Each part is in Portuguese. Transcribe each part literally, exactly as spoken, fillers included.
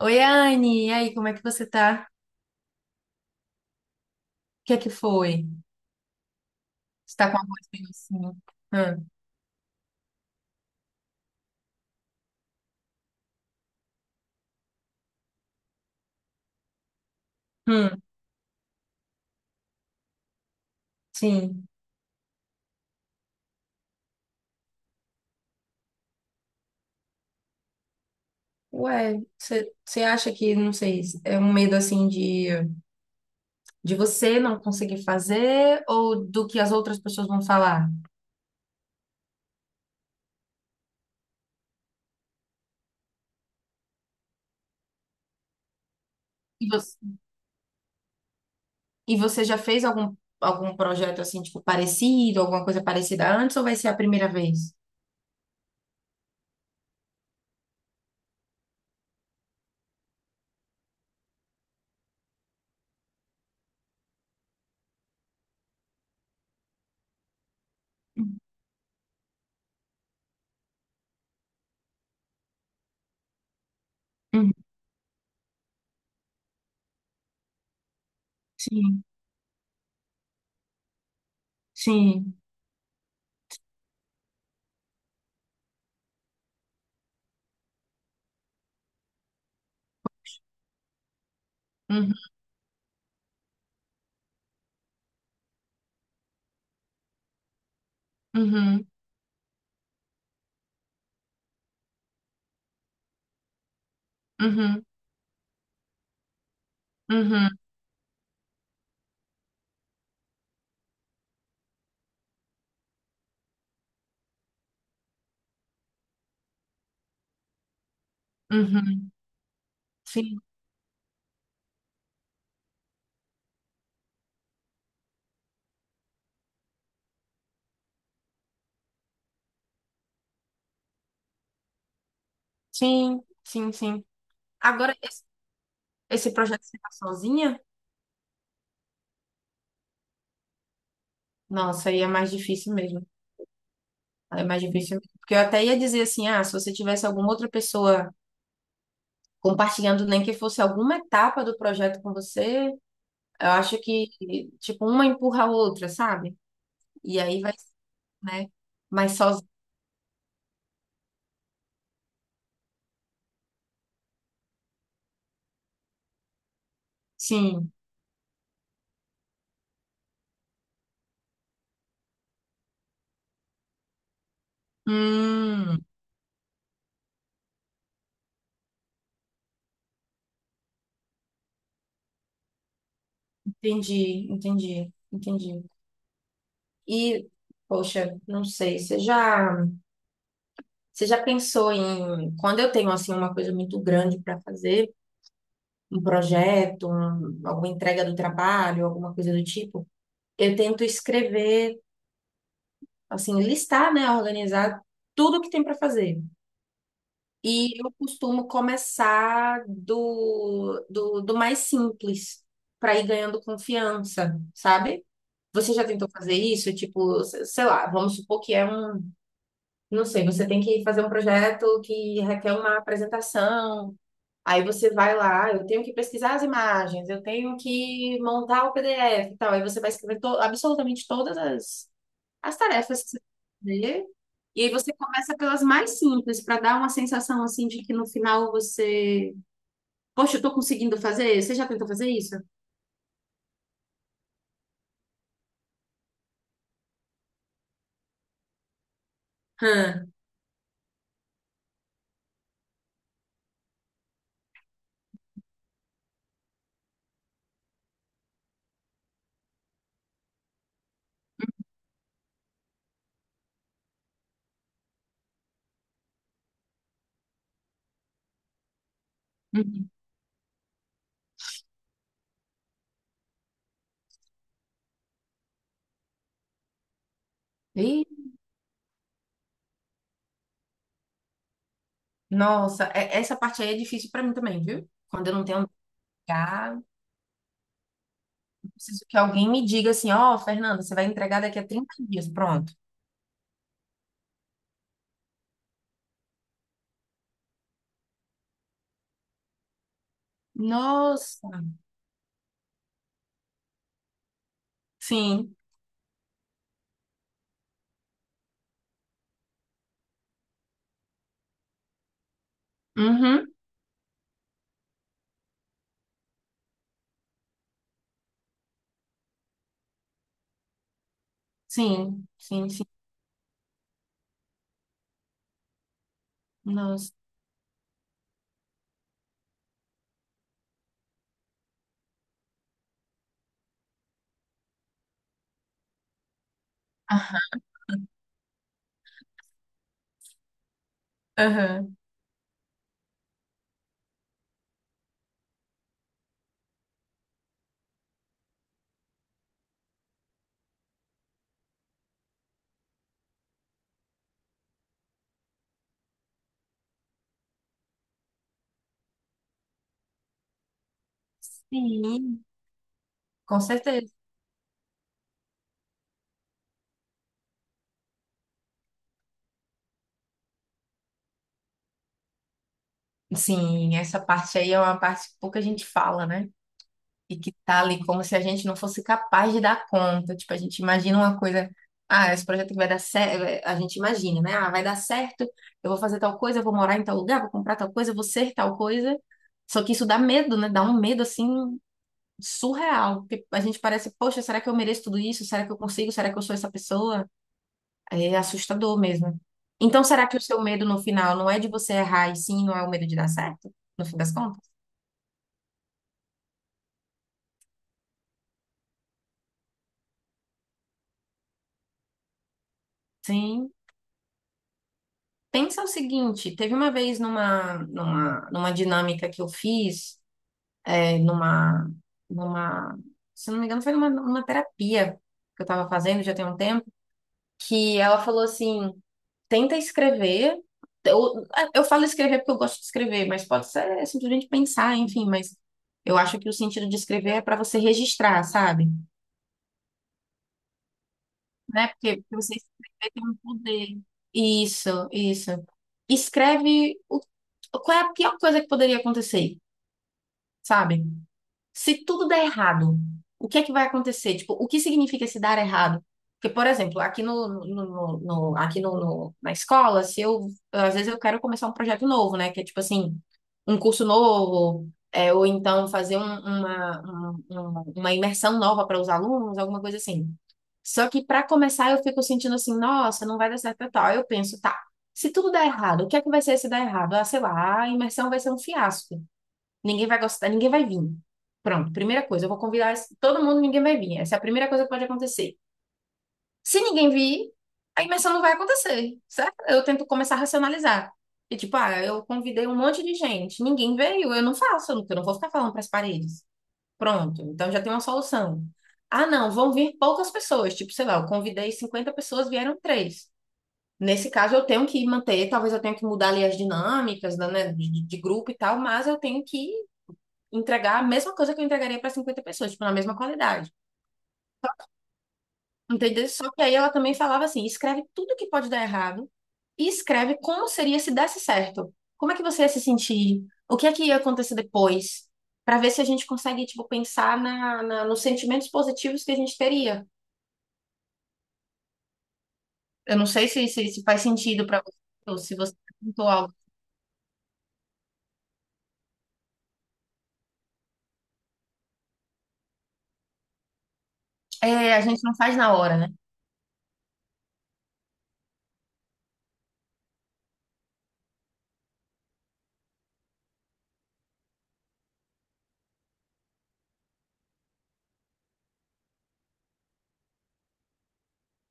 Oi, Anne, e aí, como é que você tá? O que é que foi? Você tá com a voz meio assim? Hum, hum, sim. Ué, você acha que, não sei, é um medo assim de, de, você não conseguir fazer ou do que as outras pessoas vão falar? E você, e você já fez algum, algum projeto assim, tipo, parecido, alguma coisa parecida antes ou vai ser a primeira vez? Uhum, sim, sim. Uhum, uhum, uhum, uhum, uhum. Sim, sim, sim, sim. Agora, esse esse projeto de ficar sozinha, nossa, aí é mais difícil mesmo. Aí É mais difícil mesmo. Porque eu até ia dizer assim, ah, se você tivesse alguma outra pessoa compartilhando, nem que fosse alguma etapa do projeto com você, eu acho que, tipo, uma empurra a outra, sabe? E aí vai, né? Mas sozinho, sim. Hum, entendi, entendi, entendi. E, poxa, não sei, você já, você já pensou em, quando eu tenho, assim, uma coisa muito grande para fazer, um projeto, um- alguma entrega do trabalho, alguma coisa do tipo, eu tento escrever, assim, listar, né, organizar tudo que tem para fazer. E eu costumo começar do, do, do mais simples, para ir ganhando confiança, sabe? Você já tentou fazer isso? Tipo, se- sei lá, vamos supor que é um, não sei, você tem que fazer um projeto que requer uma apresentação. Aí você vai lá: "Ah, eu tenho que pesquisar as imagens, eu tenho que montar o P D F e tal." Aí você vai escrever to- absolutamente todas as, as tarefas que você tem que fazer. E aí você começa pelas mais simples, para dar uma sensação assim de que no final você... Poxa, eu tô conseguindo fazer? Você já tentou fazer isso? Hã. Uhum. Ih, nossa, é- essa parte aí é difícil para mim também, viu? Quando eu não tenho onde entregar, eu preciso que alguém me diga assim: ó, Fernanda, você vai entregar daqui a trinta dias, pronto. Nossa, sim. Uhum. Sim, sim, sim. Nossa. Aham. Aham. Sim, com certeza. Sim, essa parte aí é uma parte que pouca gente fala, né? E que tá ali como se a gente não fosse capaz de dar conta. Tipo, a gente imagina uma coisa. Ah, esse projeto que vai dar certo. A gente imagina, né? Ah, vai dar certo, eu vou fazer tal coisa, eu vou morar em tal lugar, vou comprar tal coisa, eu vou ser tal coisa. Só que isso dá medo, né? Dá um medo assim surreal. Porque a gente parece, poxa, será que eu mereço tudo isso? Será que eu consigo? Será que eu sou essa pessoa? É assustador mesmo. Então, será que o seu medo no final não é de você errar e sim, não é o medo de dar certo? No fim das contas? Sim. Pensa o seguinte, teve uma vez numa, numa, numa dinâmica que eu fiz, é, numa, numa, se não me engano, foi numa, numa terapia que eu estava fazendo já tem um tempo, que ela falou assim: tenta escrever. Eu, eu falo escrever porque eu gosto de escrever, mas pode ser simplesmente pensar, enfim, mas eu acho que o sentido de escrever é para você registrar, sabe? Né? Porque, porque você escrever tem um poder. Isso, isso. Escreve o, qual é a pior coisa que poderia acontecer, sabe? Se tudo der errado, o que é que vai acontecer? Tipo, o que significa se dar errado? Porque, por exemplo, aqui no, no- no- no- aqui no, no- na escola, se eu, às vezes eu quero começar um projeto novo, né? Que é tipo assim, um curso novo, é, ou então fazer um- uma, um- um- uma imersão nova para os alunos, alguma coisa assim. Só que para começar eu fico sentindo assim, nossa, não vai dar certo e tal. Aí Eu penso, tá, se tudo der errado, o que é que vai ser se dar errado? Ah, sei lá, a imersão vai ser um fiasco. Ninguém vai gostar, ninguém vai vir. Pronto, primeira coisa, eu vou convidar esse- todo mundo, ninguém vai vir. Essa é a primeira coisa que pode acontecer. Se ninguém vir, a imersão não vai acontecer, certo? Eu tento começar a racionalizar. E tipo, ah, eu convidei um monte de gente, ninguém veio, eu não faço, eu não eu não vou ficar falando para as paredes. Pronto, então já tem uma solução. Ah, não, vão vir poucas pessoas, tipo, sei lá, eu convidei cinquenta pessoas, vieram três. Nesse caso, eu tenho que manter, talvez eu tenha que mudar ali as dinâmicas, né, de, de grupo e tal, mas eu tenho que entregar a mesma coisa que eu entregaria para cinquenta pessoas, tipo, na mesma qualidade. Entendeu? Só que aí ela também falava assim: escreve tudo que pode dar errado e escreve como seria se desse certo. Como é que você ia se sentir? O que é que ia acontecer depois? Para ver se a gente consegue, tipo, pensar na, na- nos sentimentos positivos que a gente teria. Eu não sei se, se, se faz sentido para você, ou se você perguntou algo. É, a gente não faz na hora, né?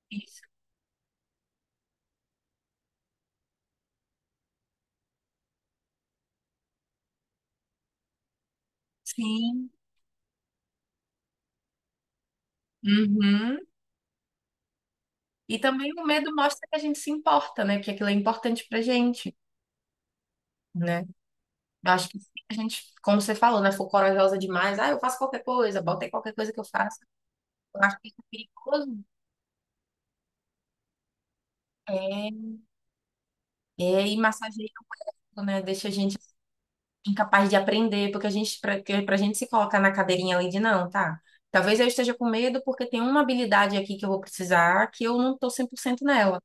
Isso. Sim. Uhum. E também o medo mostra que a gente se importa, né? Que aquilo é importante pra gente. Né? Eu acho que a gente, como você falou, né, for corajosa demais, ah, eu faço qualquer coisa, bota aí qualquer coisa que eu faço. Eu acho que isso é perigoso. É, é e massageia o corpo, né? Deixa a gente incapaz de aprender, porque a gente, pra, que- pra gente se colocar na cadeirinha ali de não, tá? Talvez eu esteja com medo porque tem uma habilidade aqui que eu vou precisar que eu não tô cem por cento nela.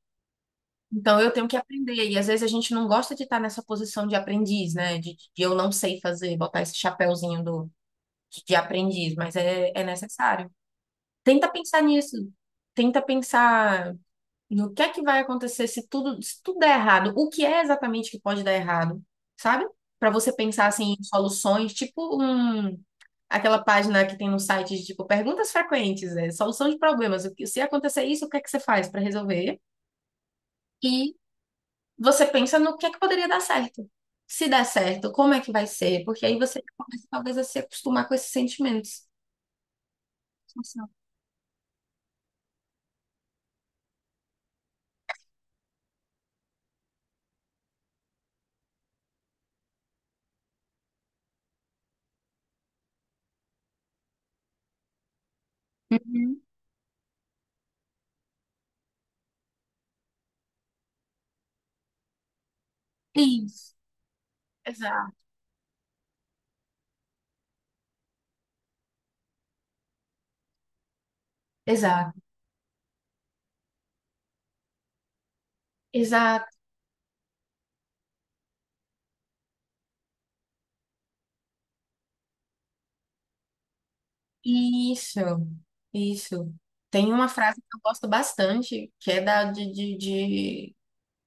Então eu tenho que aprender. E às vezes a gente não gosta de estar nessa posição de aprendiz, né? De, de eu não sei fazer, botar esse chapéuzinho do, de aprendiz, mas é, é necessário. Tenta pensar nisso. Tenta pensar no que é que vai acontecer se tudo, se tudo der errado. O que é exatamente que pode dar errado, sabe? Para você pensar assim em soluções, tipo um, aquela página que tem no site de tipo perguntas frequentes, né? Solução de problemas. O que se acontecer isso, o que é que você faz para resolver? E você pensa no que é que poderia dar certo. Se der certo, como é que vai ser? Porque aí você começa talvez a se acostumar com esses sentimentos. Nossa. Uhum. Isso. Exato. Exato. Exato. Isso, isso. Tem uma frase que eu gosto bastante, que é da de, de, de,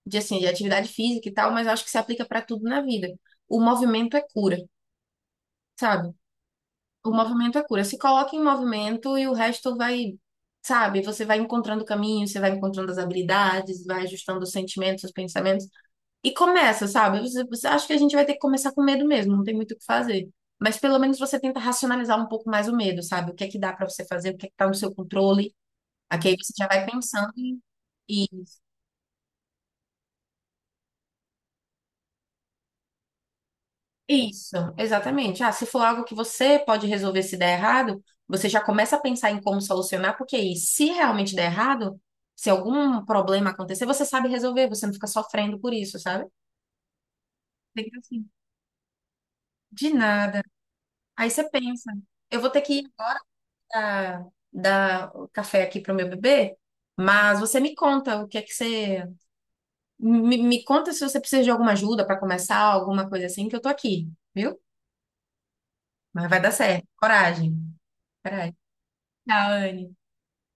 de, assim, de atividade física e tal, mas eu acho que se aplica para tudo na vida. O movimento é cura, sabe? O movimento é cura. Se coloca em movimento e o resto vai, sabe? Você vai encontrando caminho, você vai encontrando as habilidades, vai ajustando os sentimentos, os pensamentos. E começa, sabe? Você, você acha que a gente vai ter que começar com medo mesmo, não tem muito o que fazer. Mas pelo menos você tenta racionalizar um pouco mais o medo, sabe? O que é que dá pra você fazer, o que é que tá no seu controle. Aqui Aí você já vai pensando em e isso, exatamente. Ah, se for algo que você pode resolver se der errado, você já começa a pensar em como solucionar, porque aí, se realmente der errado, se algum problema acontecer, você sabe resolver, você não fica sofrendo por isso, sabe? Tem assim, de nada. Aí você pensa, eu vou ter que dar, dar o café aqui para o meu bebê, mas você me conta o que é que você. Me, me conta se você precisa de alguma ajuda para começar, alguma coisa assim, que eu tô aqui, viu? Mas vai dar certo. Coragem. Coragem. Tchau, Anne.